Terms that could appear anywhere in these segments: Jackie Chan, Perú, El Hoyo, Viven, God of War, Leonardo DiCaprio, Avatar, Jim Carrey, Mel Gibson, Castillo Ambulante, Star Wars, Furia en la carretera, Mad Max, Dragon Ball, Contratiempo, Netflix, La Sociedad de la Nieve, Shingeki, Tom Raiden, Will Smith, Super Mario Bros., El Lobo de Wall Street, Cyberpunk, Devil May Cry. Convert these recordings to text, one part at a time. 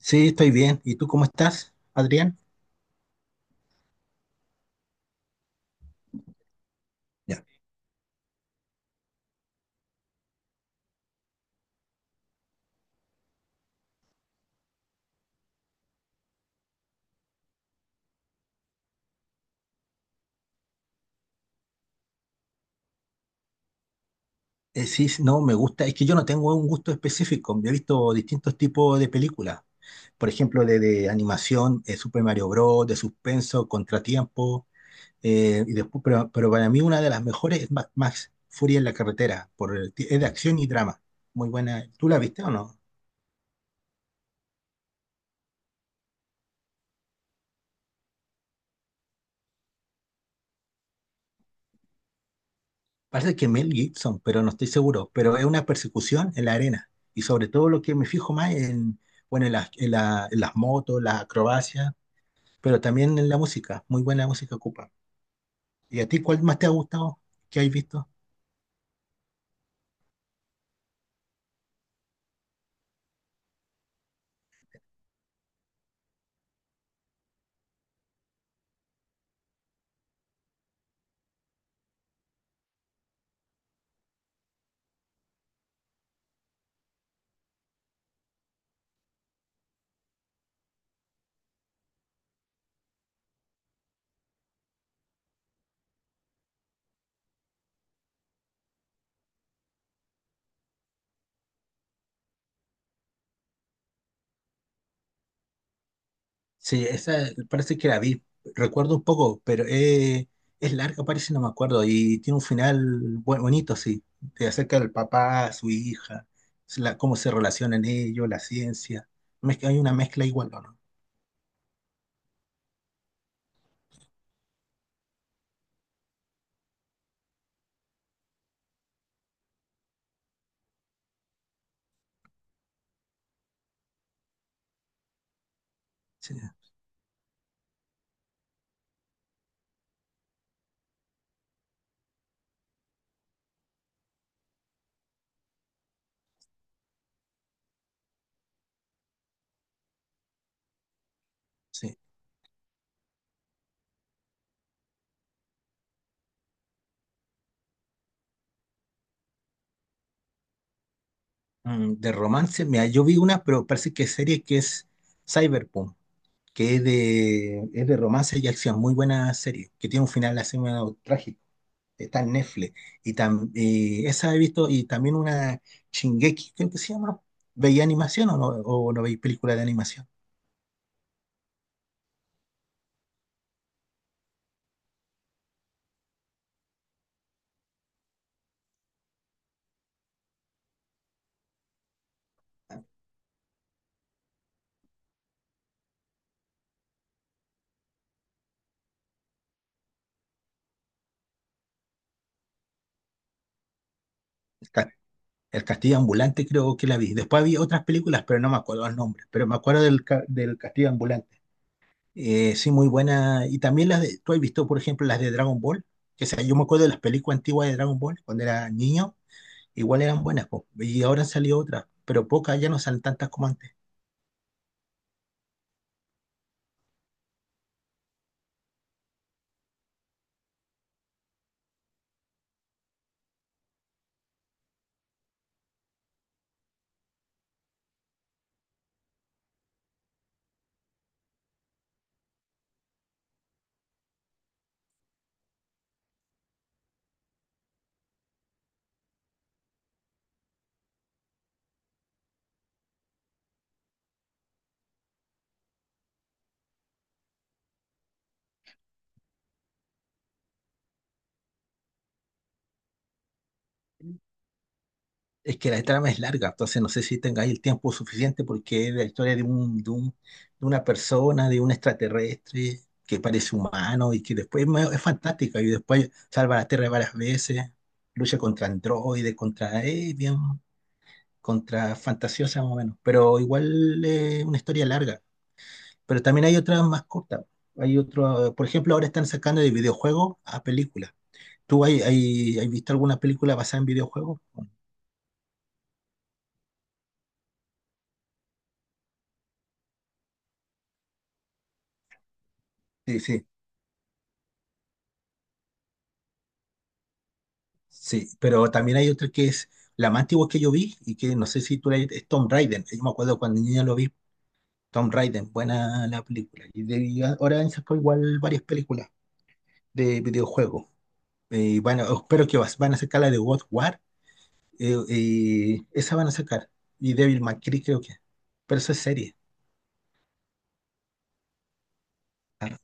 Sí, estoy bien. ¿Y tú cómo estás, Adrián? Ya. Sí, sí, no, me gusta. Es que yo no tengo un gusto específico. Yo he visto distintos tipos de películas. Por ejemplo, de animación, Super Mario Bros., de suspenso, Contratiempo. Pero para mí una de las mejores es Mad Max, Furia en la carretera. Es de acción y drama. Muy buena. ¿Tú la viste o no? Parece que Mel Gibson, pero no estoy seguro. Pero es una persecución en la arena. Y sobre todo lo que me fijo más en, bueno, en las motos, las acrobacias. Pero también en la música, muy buena música ocupa. ¿Y a ti cuál más te ha gustado que has visto? Sí, esa parece que la vi, recuerdo un poco, pero es larga, parece, no me acuerdo, y tiene un final bonito, sí, te acerca del papá, a su hija, cómo se relacionan ellos, la ciencia, hay una mezcla igual, ¿o no? Sí, sí. Mm, de romance, mira, yo vi una, pero parece que es serie que es Cyberpunk, que es es de romance y acción, muy buena serie, que tiene un final así medio trágico. Está en Netflix. Y, y esa he visto, y también una Shingeki, creo que se llama. ¿Veía animación o no veis películas de animación? El, ca- el Castillo Ambulante creo que la vi. Después vi otras películas, pero no me acuerdo el nombre. Pero me acuerdo del Castillo Ambulante. Sí, muy buena. Y también las de, tú has visto, por ejemplo, las de Dragon Ball. Que sea, yo me acuerdo de las películas antiguas de Dragon Ball cuando era niño. Igual eran buenas, po. Y ahora han salido otras, pero pocas, ya no salen tantas como antes. Es que la trama es larga, entonces no sé si tengáis el tiempo suficiente porque es la historia de una persona, de un extraterrestre que parece humano y que después es fantástica y después salva la Tierra varias veces, lucha contra androides, contra aliens, contra fantasiosa más o menos, pero igual es una historia larga. Pero también hay otras más cortas. Hay otro, por ejemplo, ahora están sacando de videojuegos a películas. ¿Tú has visto alguna película basada en videojuegos? Sí, sí. Sí, pero también hay otra que es la más antigua que yo vi y que no sé si tú la es Tom Raiden. Yo me acuerdo cuando niño lo vi, Tom Raiden, buena la película. Y ahora han sacado igual varias películas de videojuegos. Bueno, espero que van a sacar la de God of War. Esa van a sacar. Y Devil May Cry creo que. Pero eso es serie. Ah,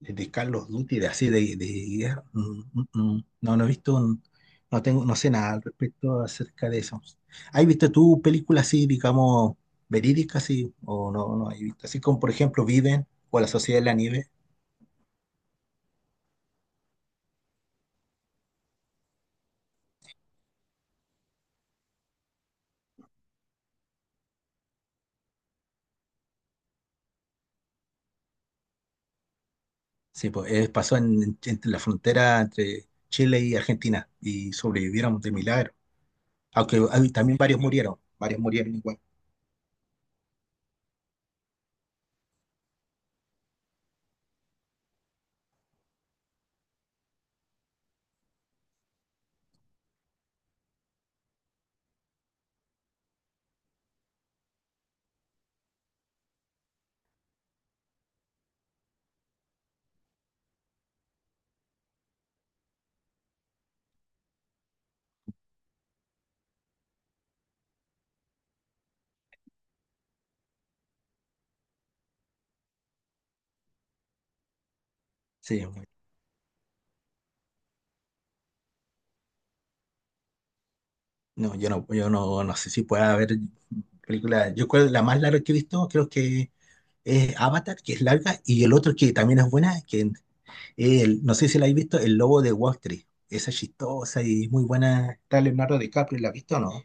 de Carlos Duty, de así, de guerra, mm. no, no he visto, no tengo, no sé nada al respecto acerca de eso. ¿Has visto tú películas así, digamos, verídicas, así, o no, no has visto? Así como, por ejemplo, Viven o La Sociedad de la Nieve. Sí, pues pasó entre la frontera entre Chile y Argentina y sobrevivieron de milagro. Aunque también varios murieron igual. Sí, bueno, no, yo no, yo no, no sé si pueda haber películas. Yo creo que la más larga que he visto, creo que es Avatar, que es larga, y el otro que también es buena, que es no sé si la habéis visto, El Lobo de Wall Street. Esa es chistosa y muy buena. Está Leonardo DiCaprio, ¿la has visto o no?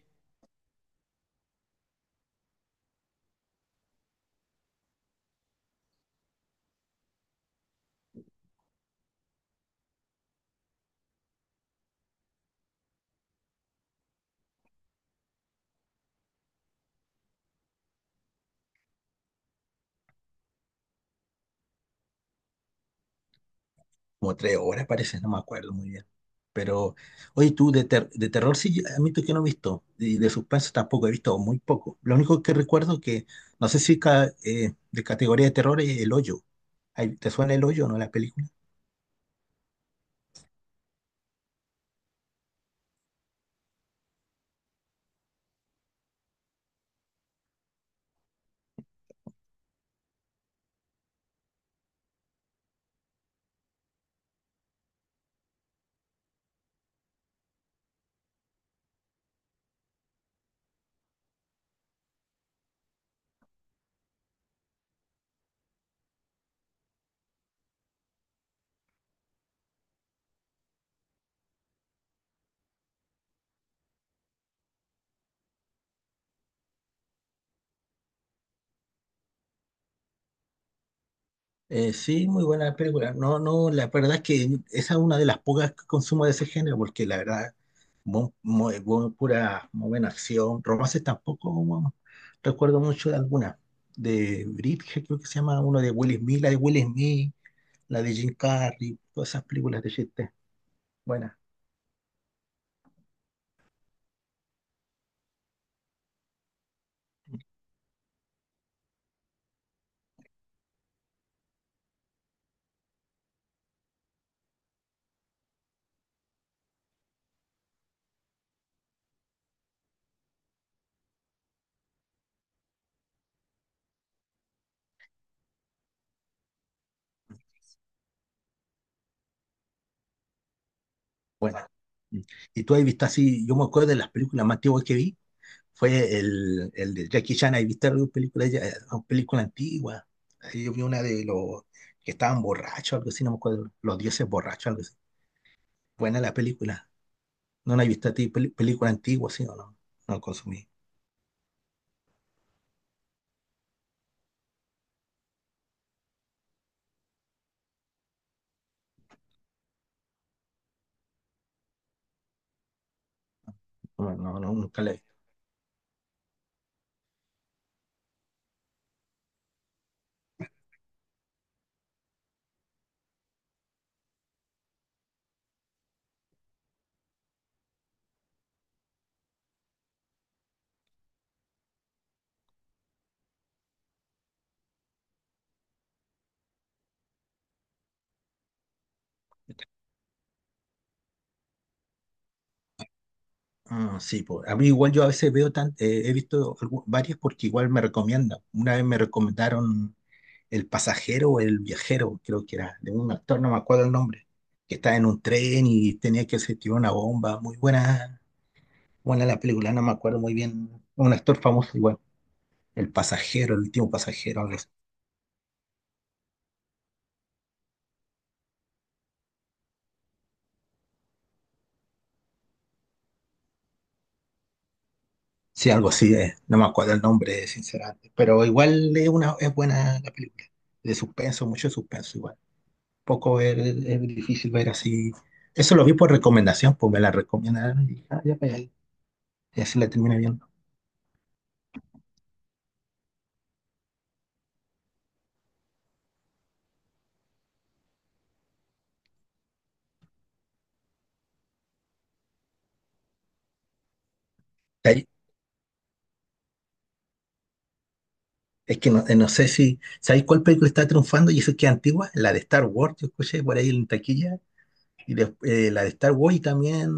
Como tres horas parece, no me acuerdo muy bien. Pero, oye, de terror sí, yo admito que no he visto, y de suspenso tampoco he visto, muy poco. Lo único que recuerdo que, no sé si de categoría de terror es El Hoyo. Ay, ¿te suena El Hoyo, no, la película? Sí, muy buena película. No, no, la verdad es que esa es una de las pocas que consumo de ese género, porque la verdad muy pura, muy buena acción. Romances tampoco bueno, recuerdo mucho de alguna. De Bridget, creo que se llama, uno de Will Smith, la de Will Smith, la de Jim Carrey, todas esas películas de chiste. Buena, buena. Mm. Y tú ahí viste así, yo me acuerdo de las películas más antiguas que vi, fue el de Jackie Chan, ahí viste alguna película, una película antigua. Ahí yo vi una de los que estaban borrachos, algo así, no me acuerdo, los dioses borrachos, algo así. Buena la película. ¿No la has visto a ti? ¿Película antigua, sí o no? No consumí. No, no, no, nunca la he visto. Ah, sí, pues. A mí igual yo a veces veo tan, he visto varias porque igual me recomiendan. Una vez me recomendaron El pasajero o El viajero, creo que era, de un actor, no me acuerdo el nombre, que estaba en un tren y tenía que se tiró una bomba. Muy buena, buena la película, no me acuerdo muy bien. Un actor famoso igual, El pasajero, El último pasajero, algo. Sí, algo así es. No me acuerdo el nombre, sinceramente. Pero igual es una, es buena la película. De suspenso, mucho suspenso igual. Poco es difícil ver así. Eso lo vi por recomendación, pues me la recomendaron y ah, ya, pues, ahí. Y así la terminé viendo. Ahí- Es que no, no sé si. ¿Sabéis cuál película está triunfando? Y eso que es antigua, la de Star Wars, yo escuché por ahí en taquilla. La de Star Wars y también.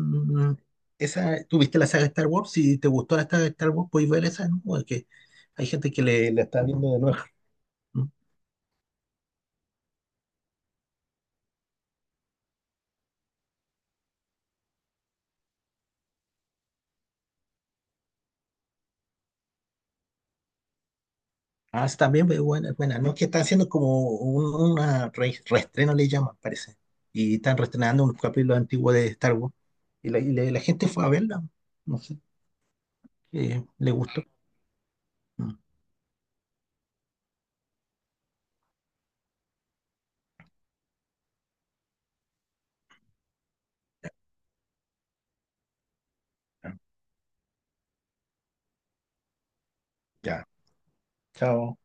Esa, ¿tú viste la saga de Star Wars? Si te gustó la saga de Star Wars, podéis ver esa, ¿no? Porque hay gente que la está viendo de nuevo. ¿No? Ah, sí, también es buena, buena. No, es que están haciendo como un, una reestreno, le llaman, parece. Y están reestrenando unos capítulos antiguos de Star Wars. Y la gente fue a verla. No sé, le gustó. Mm. Ya, chao.